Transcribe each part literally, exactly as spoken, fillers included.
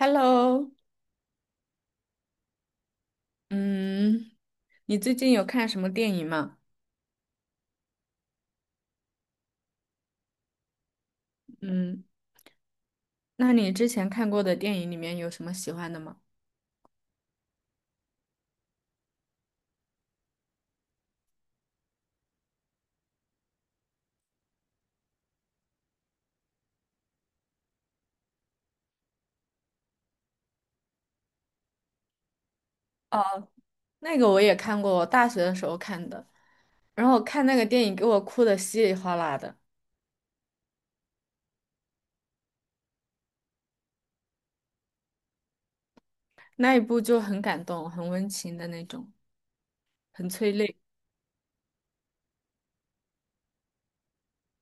Hello，嗯，你最近有看什么电影吗？嗯，那你之前看过的电影里面有什么喜欢的吗？哦，那个我也看过，我大学的时候看的，然后我看那个电影给我哭的稀里哗啦的，那一部就很感动，很温情的那种，很催泪。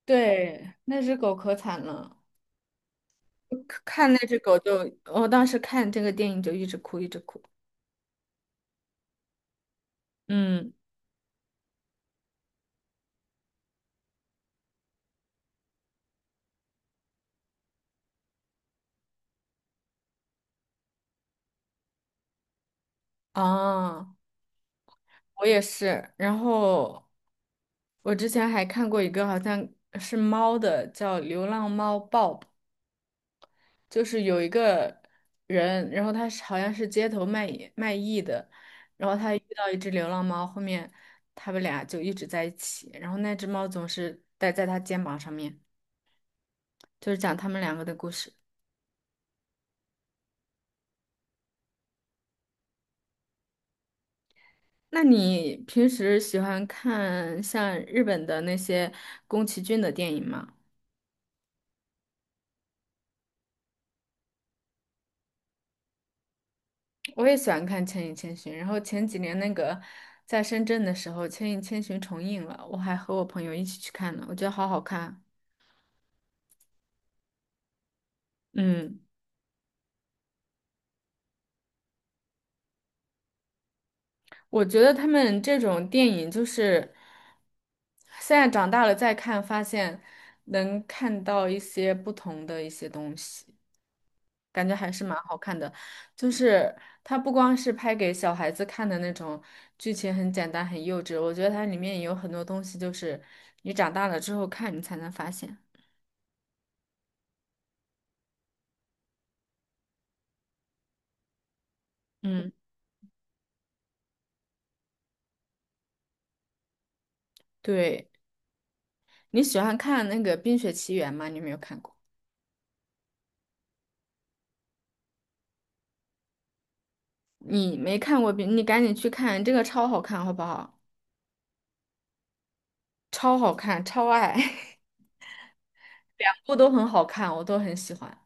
对，那只狗可惨了，看那只狗就，我当时看这个电影就一直哭，一直哭。嗯，啊，我也是。然后我之前还看过一个好像是猫的，叫流浪猫 B O B，就是有一个人，然后他是好像是街头卖艺卖艺的，然后他遇到一只流浪猫，后面他们俩就一直在一起，然后那只猫总是待在他肩膀上面，就是讲他们两个的故事。那你平时喜欢看像日本的那些宫崎骏的电影吗？我也喜欢看《千与千寻》，然后前几年那个在深圳的时候，《千与千寻》重映了，我还和我朋友一起去看了，我觉得好好看。嗯，我觉得他们这种电影就是现在长大了再看，发现能看到一些不同的一些东西，感觉还是蛮好看的。就是它不光是拍给小孩子看的那种，剧情很简单很幼稚，我觉得它里面也有很多东西，就是你长大了之后看你才能发现。嗯，对，你喜欢看那个《冰雪奇缘》吗？你有没有看过？你没看过冰，你赶紧去看，这个超好看，好不好？超好看，超爱，两部都很好看，我都很喜欢。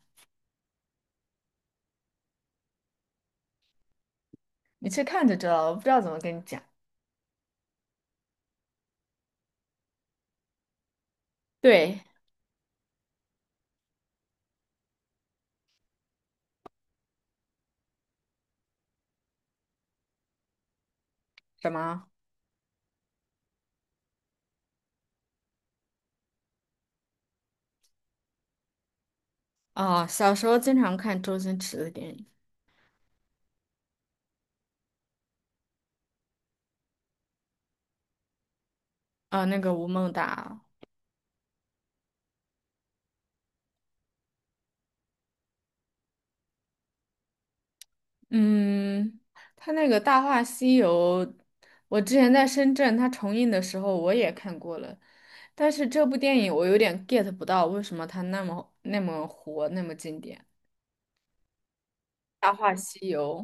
你去看就知道了，我不知道怎么跟你讲。对，什么？啊？小时候经常看周星驰的电影，啊、那个《吴孟达》嗯，他那个《大话西游》，我之前在深圳他重映的时候我也看过了，但是这部电影我有点 get 不到为什么他那么那么火，那么经典。《大话西游》，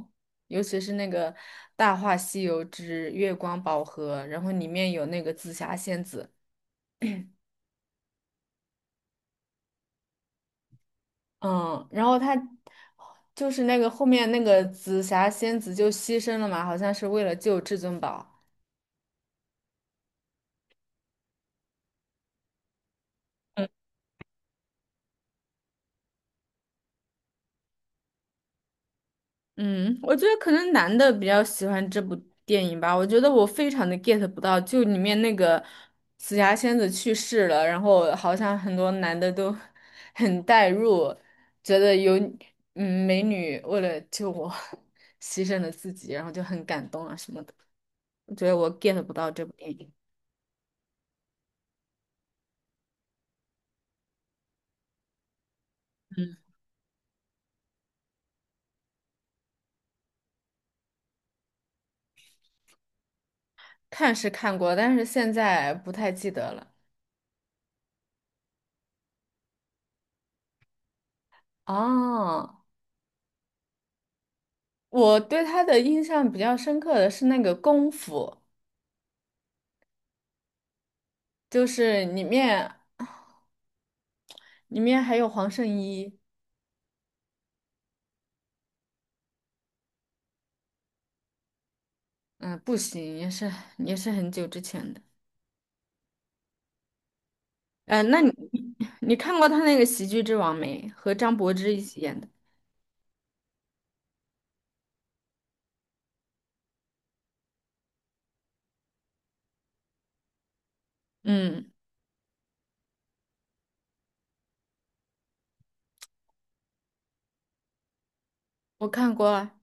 尤其是那个《大话西游之月光宝盒》，然后里面有那个紫霞仙子，嗯，然后他就是那个后面那个紫霞仙子就牺牲了嘛，好像是为了救至尊宝。嗯，我觉得可能男的比较喜欢这部电影吧。我觉得我非常的 get 不到，就里面那个紫霞仙子去世了，然后好像很多男的都 很代入，觉得有嗯美女为了救我 牺牲了自己，然后就很感动啊什么的。我觉得我 get 不到这部电影。嗯，看是看过，但是现在不太记得了。哦，我对他的印象比较深刻的是那个功夫。就是里面里面还有黄圣依，嗯、不行，也是也是很久之前的。嗯，那你 你看过他那个《喜剧之王》没？和张柏芝一起演的。嗯，我看过啊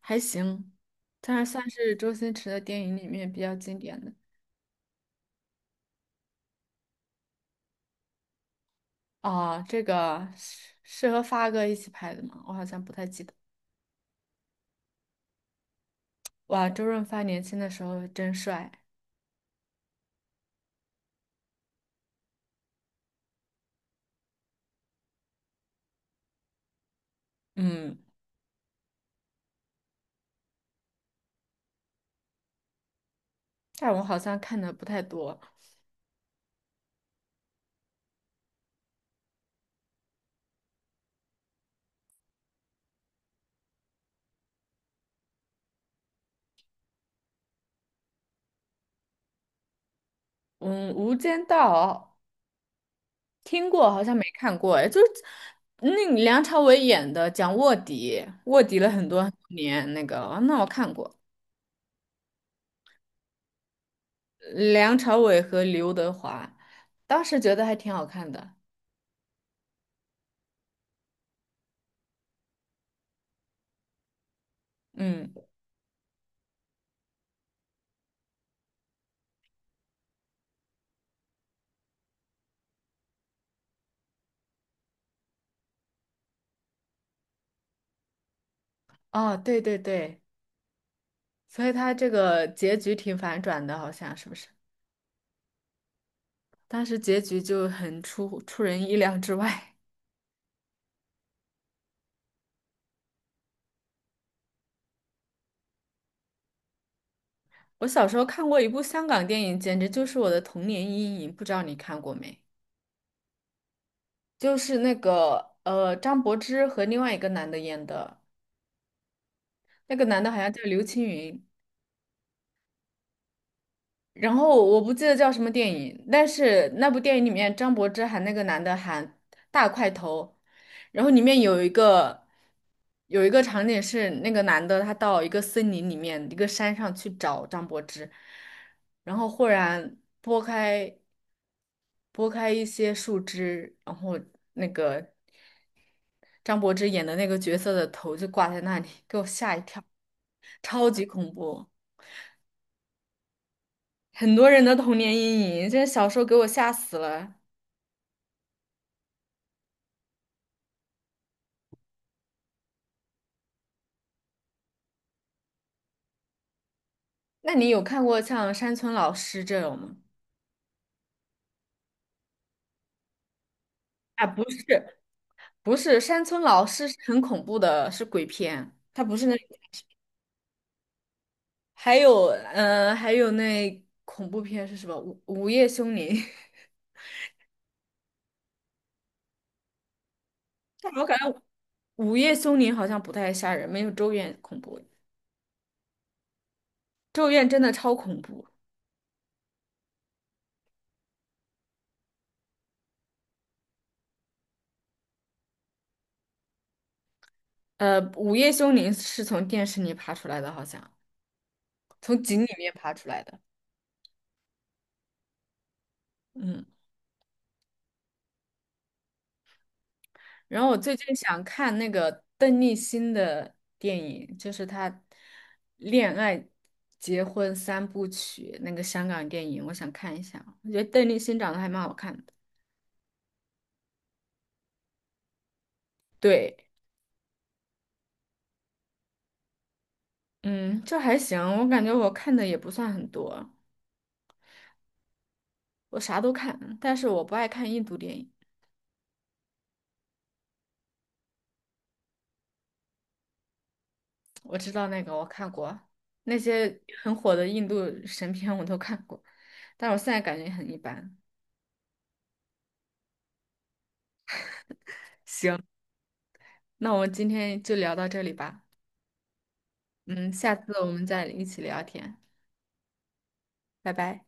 还行，但是算是周星驰的电影里面比较经典的。哦，这个是是和发哥一起拍的吗？我好像不太记得。哇，周润发年轻的时候真帅。嗯，但我好像看的不太多。嗯，《无间道》听过，好像没看过，哎，就是那个梁朝伟演的，讲卧底，卧底了很多很多年，那个，哦那我看过，梁朝伟和刘德华，当时觉得还挺好看的，嗯，哦，对对对，所以他这个结局挺反转的，好像是不是？当时结局就很出出人意料之外。我小时候看过一部香港电影，简直就是我的童年阴影，不知道你看过没？就是那个呃，张柏芝和另外一个男的演的。那个男的好像叫刘青云，然后我不记得叫什么电影，但是那部电影里面张柏芝喊那个男的喊大块头，然后里面有一个有一个场景是那个男的他到一个森林里面一个山上去找张柏芝，然后忽然拨开拨开一些树枝，然后那个张柏芝演的那个角色的头就挂在那里，给我吓一跳，超级恐怖。很多人的童年阴影，这小时候给我吓死了。那你有看过像山村老师这种吗？啊，不是，不是，山村老师是很恐怖的，是鬼片，它不是那。还有，嗯、还有那恐怖片是什么？午午夜凶铃。但我感觉午夜凶铃好像不太吓人，没有咒怨恐怖。咒怨真的超恐怖。呃，午夜凶铃是从电视里爬出来的，好像从井里面爬出来的。嗯。然后我最近想看那个邓丽欣的电影，就是她恋爱、结婚三部曲那个香港电影，我想看一下。我觉得邓丽欣长得还蛮好看的。对，嗯，就还行。我感觉我看的也不算很多，我啥都看，但是我不爱看印度电影。我知道那个我看过，那些很火的印度神片我都看过，但我现在感觉很一般。行，那我们今天就聊到这里吧。嗯，下次我们再一起聊天，拜拜。